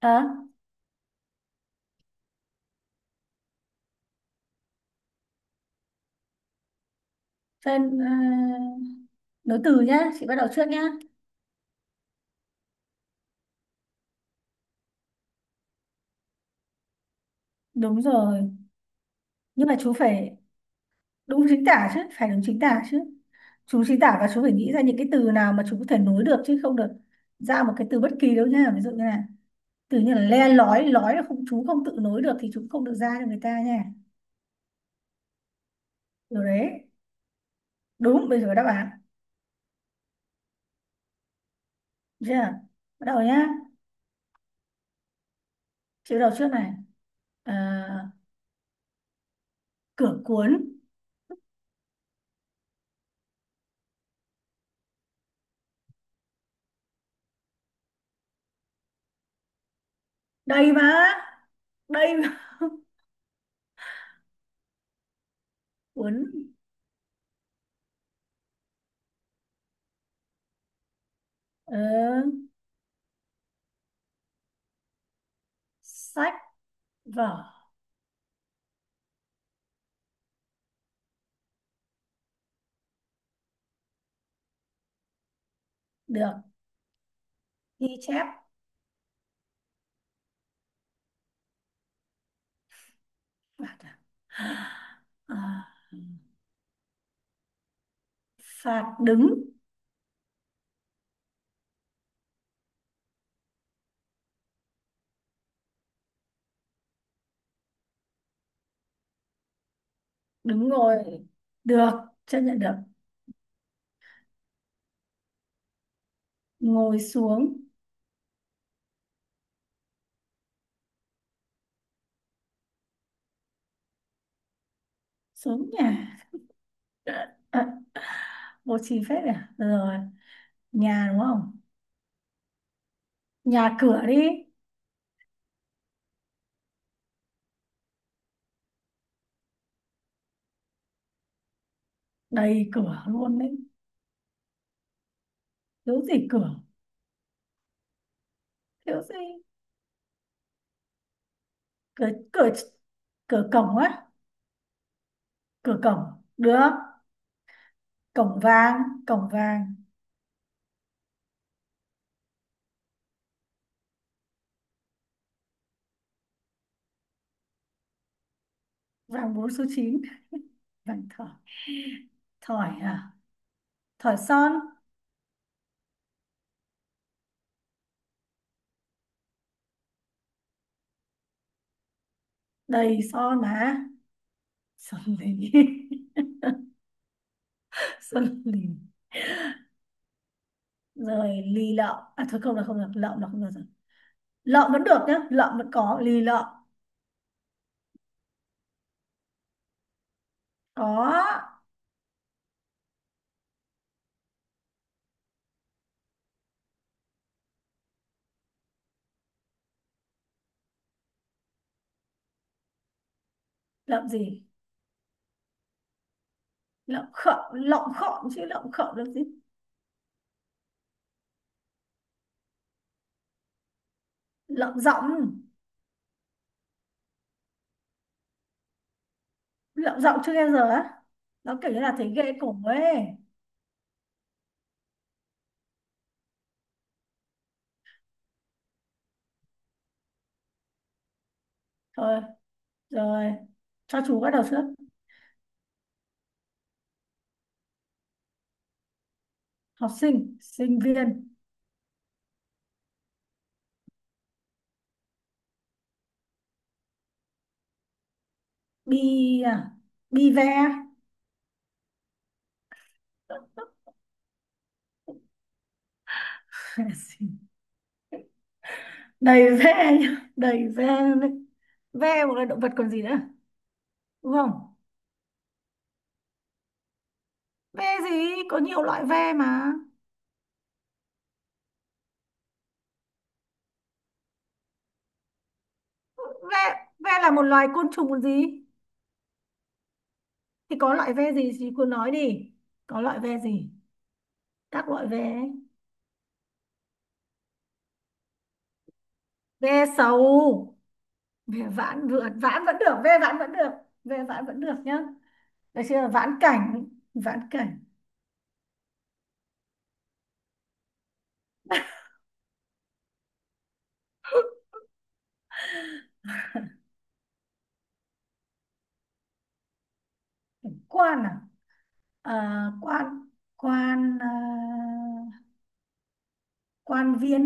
Hả? Tên nối từ nhá, chị bắt đầu trước nhá. Đúng rồi, nhưng mà chú phải đúng chính tả chứ, phải đúng chính tả chứ. Chú chính tả và chú phải nghĩ ra những cái từ nào mà chú có thể nối được chứ không được ra một cái từ bất kỳ đâu nha. Ví dụ như là từ như là le lói, lói là không chú không tự nối được thì chú không được ra cho người ta nha. Điều đấy. Đúng, bây giờ có đáp án. Được chưa? Bắt đầu nhá. Chị bắt đầu trước này. Ờ, cửa cuốn. Đây mà. Đây mà. Cuốn. Ờ. Sách vở được, ghi chép phạt à? À, phạt đứng, đứng ngồi được, chấp nhận được. Ngồi xuống, xuống nhà. À, bố trí phép à rồi nhà đúng không, nhà cửa đi. Đầy cửa luôn đấy. Thiếu gì cửa, thiếu gì. Cửa cửa cửa cổng á. Cửa cổng được. Cổng vàng, cổng vàng. Vàng bốn số chín. Vàng thỏi, thỏi à, thỏi son. Đầy son mà. Sơn lì, Sơn lì. Rồi lì lợm. À thôi, không là không được. Lợm là không được rồi. Lợm vẫn được nhá. Lợm vẫn có. Lì lợm. Có. Lợm gì? Lợm khợm, Lợm khợm chứ. Lợm khợm là gì? Lợm giọng. Lợm giọng chưa nghe giờ á. Nó kiểu như là thấy ghê cổ ấy. Thôi. Rồi. Cho chú bắt đầu trước. Học sinh. Sinh viên. Bi à. Bi ve. Đầy ve nhá, đầy ve. Ve một là động vật còn gì nữa, đúng không? Ve gì? Có nhiều loại ve mà. Ve, ve là một loài côn trùng còn gì? Thì có loại ve gì thì cô nói đi. Có loại ve gì? Các loại ve ấy. Ve sầu. Ve vãn vượn. Vãn vẫn được. Ve vãn vẫn được. Ve vãn vẫn được nhá. Được chưa? Vãn cảnh, vãn cảnh. Quan à? À, quan. Quan. À, quan viên.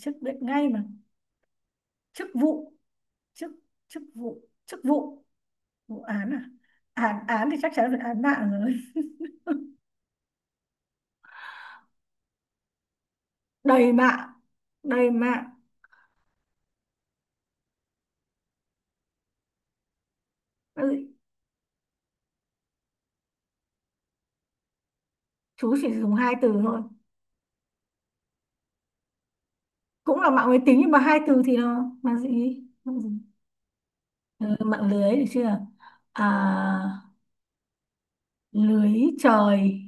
Chức biết ngay mà. Chức vụ. Chức. Chức vụ. Chức vụ. Vụ án à? Án, án thì chắc chắn là án mạng rồi. Đầy mạng, đầy mạng. Ừ, chú chỉ dùng hai từ thôi, cũng là mạng máy tính nhưng mà hai từ thì nó mà gì. Mạng. Ừ, mạng lưới được chưa. À, lưới trời.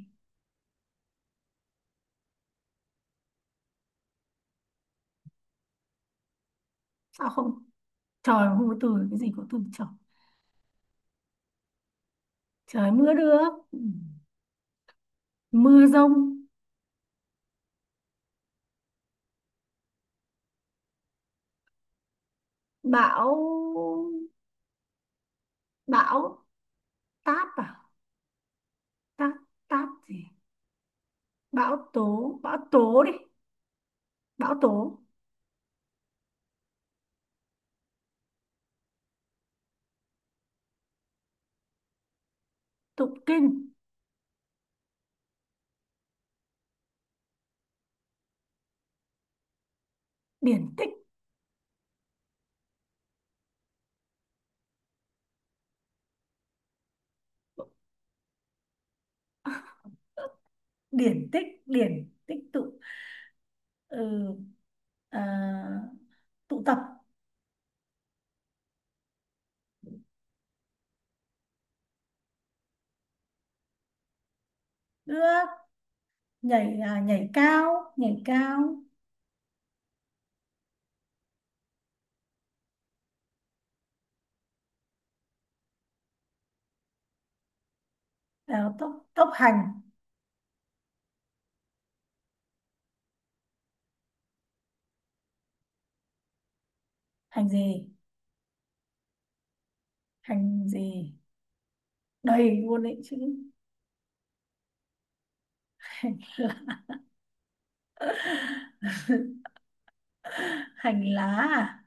Sao không, trời mà không có từ, cái gì có từ trời. Trời mưa nước. Ừ. Mưa rông, bão. Bão táp à, táp. Táp gì, bão tố, bão tố đi. Bão tố, tụ kinh điển tích. Điển tích, điển tích tụ. Ừ, à, tụ tập nước. Nhảy à, nhảy cao, nhảy cao. À, tốc, tốc hành. Hành gì, hành gì, đầy luôn đấy chứ. Hành lá, hành lá à?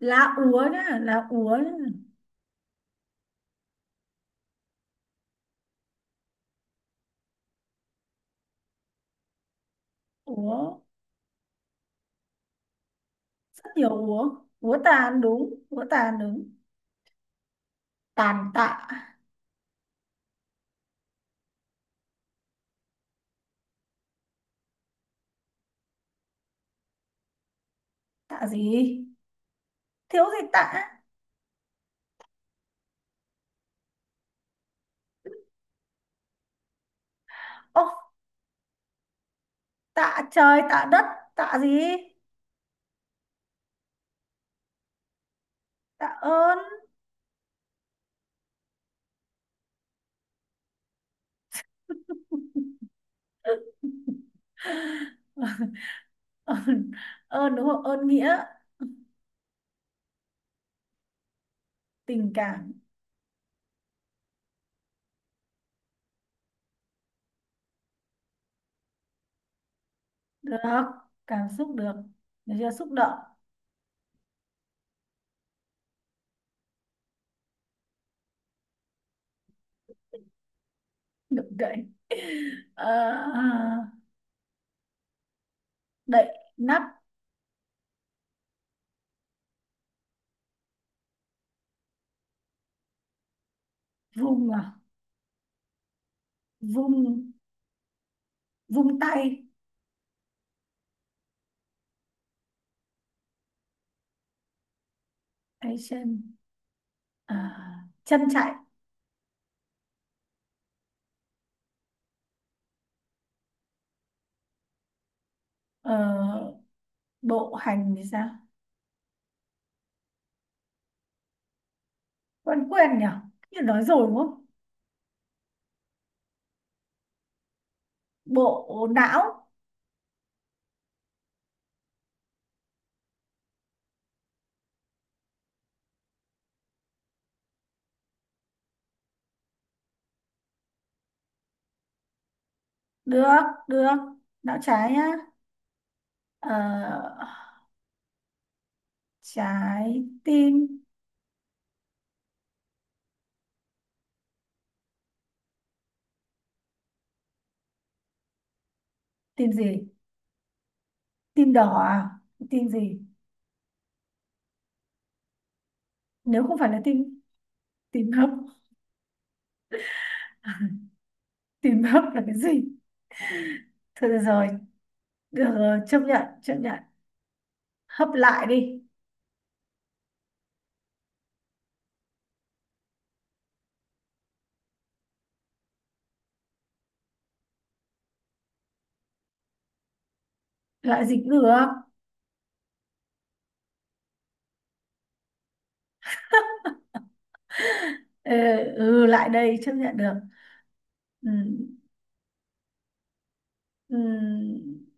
Lá úa nhá, lá úa nhá. Úa, rất nhiều úa. Úa tàn đúng, úa tàn đúng. Tàn tạ. Tạ gì, thiếu gì tạ. Ô, tạ trời tạ đất. Tạ gì, tạ ơn. Ơn, ơn đúng không, ơn nghĩa. Tình cảm được, cảm xúc được. Được chưa, xúc động được, đậy. Ờ, đậy nắp vung. À, vung, vung tay. Tay chân. À, chân chạy. Ờ, bộ hành thì sao, quen quen nhỉ, như nói rồi đúng không. Bộ não được, được. Não trái nhá. Ờ, trái tim. Tim gì, tim đỏ à, tim gì. Nếu không phải là tim, tim hấp. Tim hấp là cái gì? Thôi được rồi, chấp nhận, chấp nhận. Hấp lại đi, lại dịch cũng được. Ờ, ừ, lại đây, chấp nhận được. Ừ, ừ,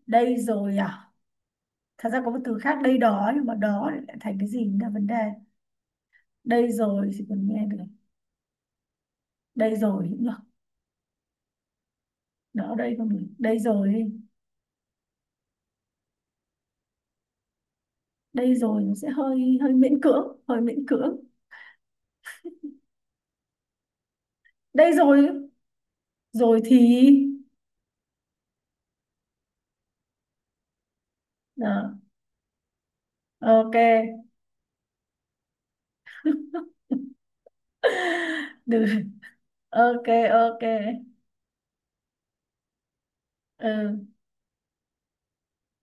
đây rồi à? Thật ra có một từ khác đây đó, nhưng mà đó lại thành cái gì cũng là vấn đề. Đây rồi thì còn nghe được. Đây rồi cũng được. Đó, đây không được. Đây rồi đi. Đây rồi nó sẽ hơi hơi miễn cưỡng, hơi miễn cưỡng. Đây rồi, rồi thì... Đó, ok. Được, ok, ok. Ừ.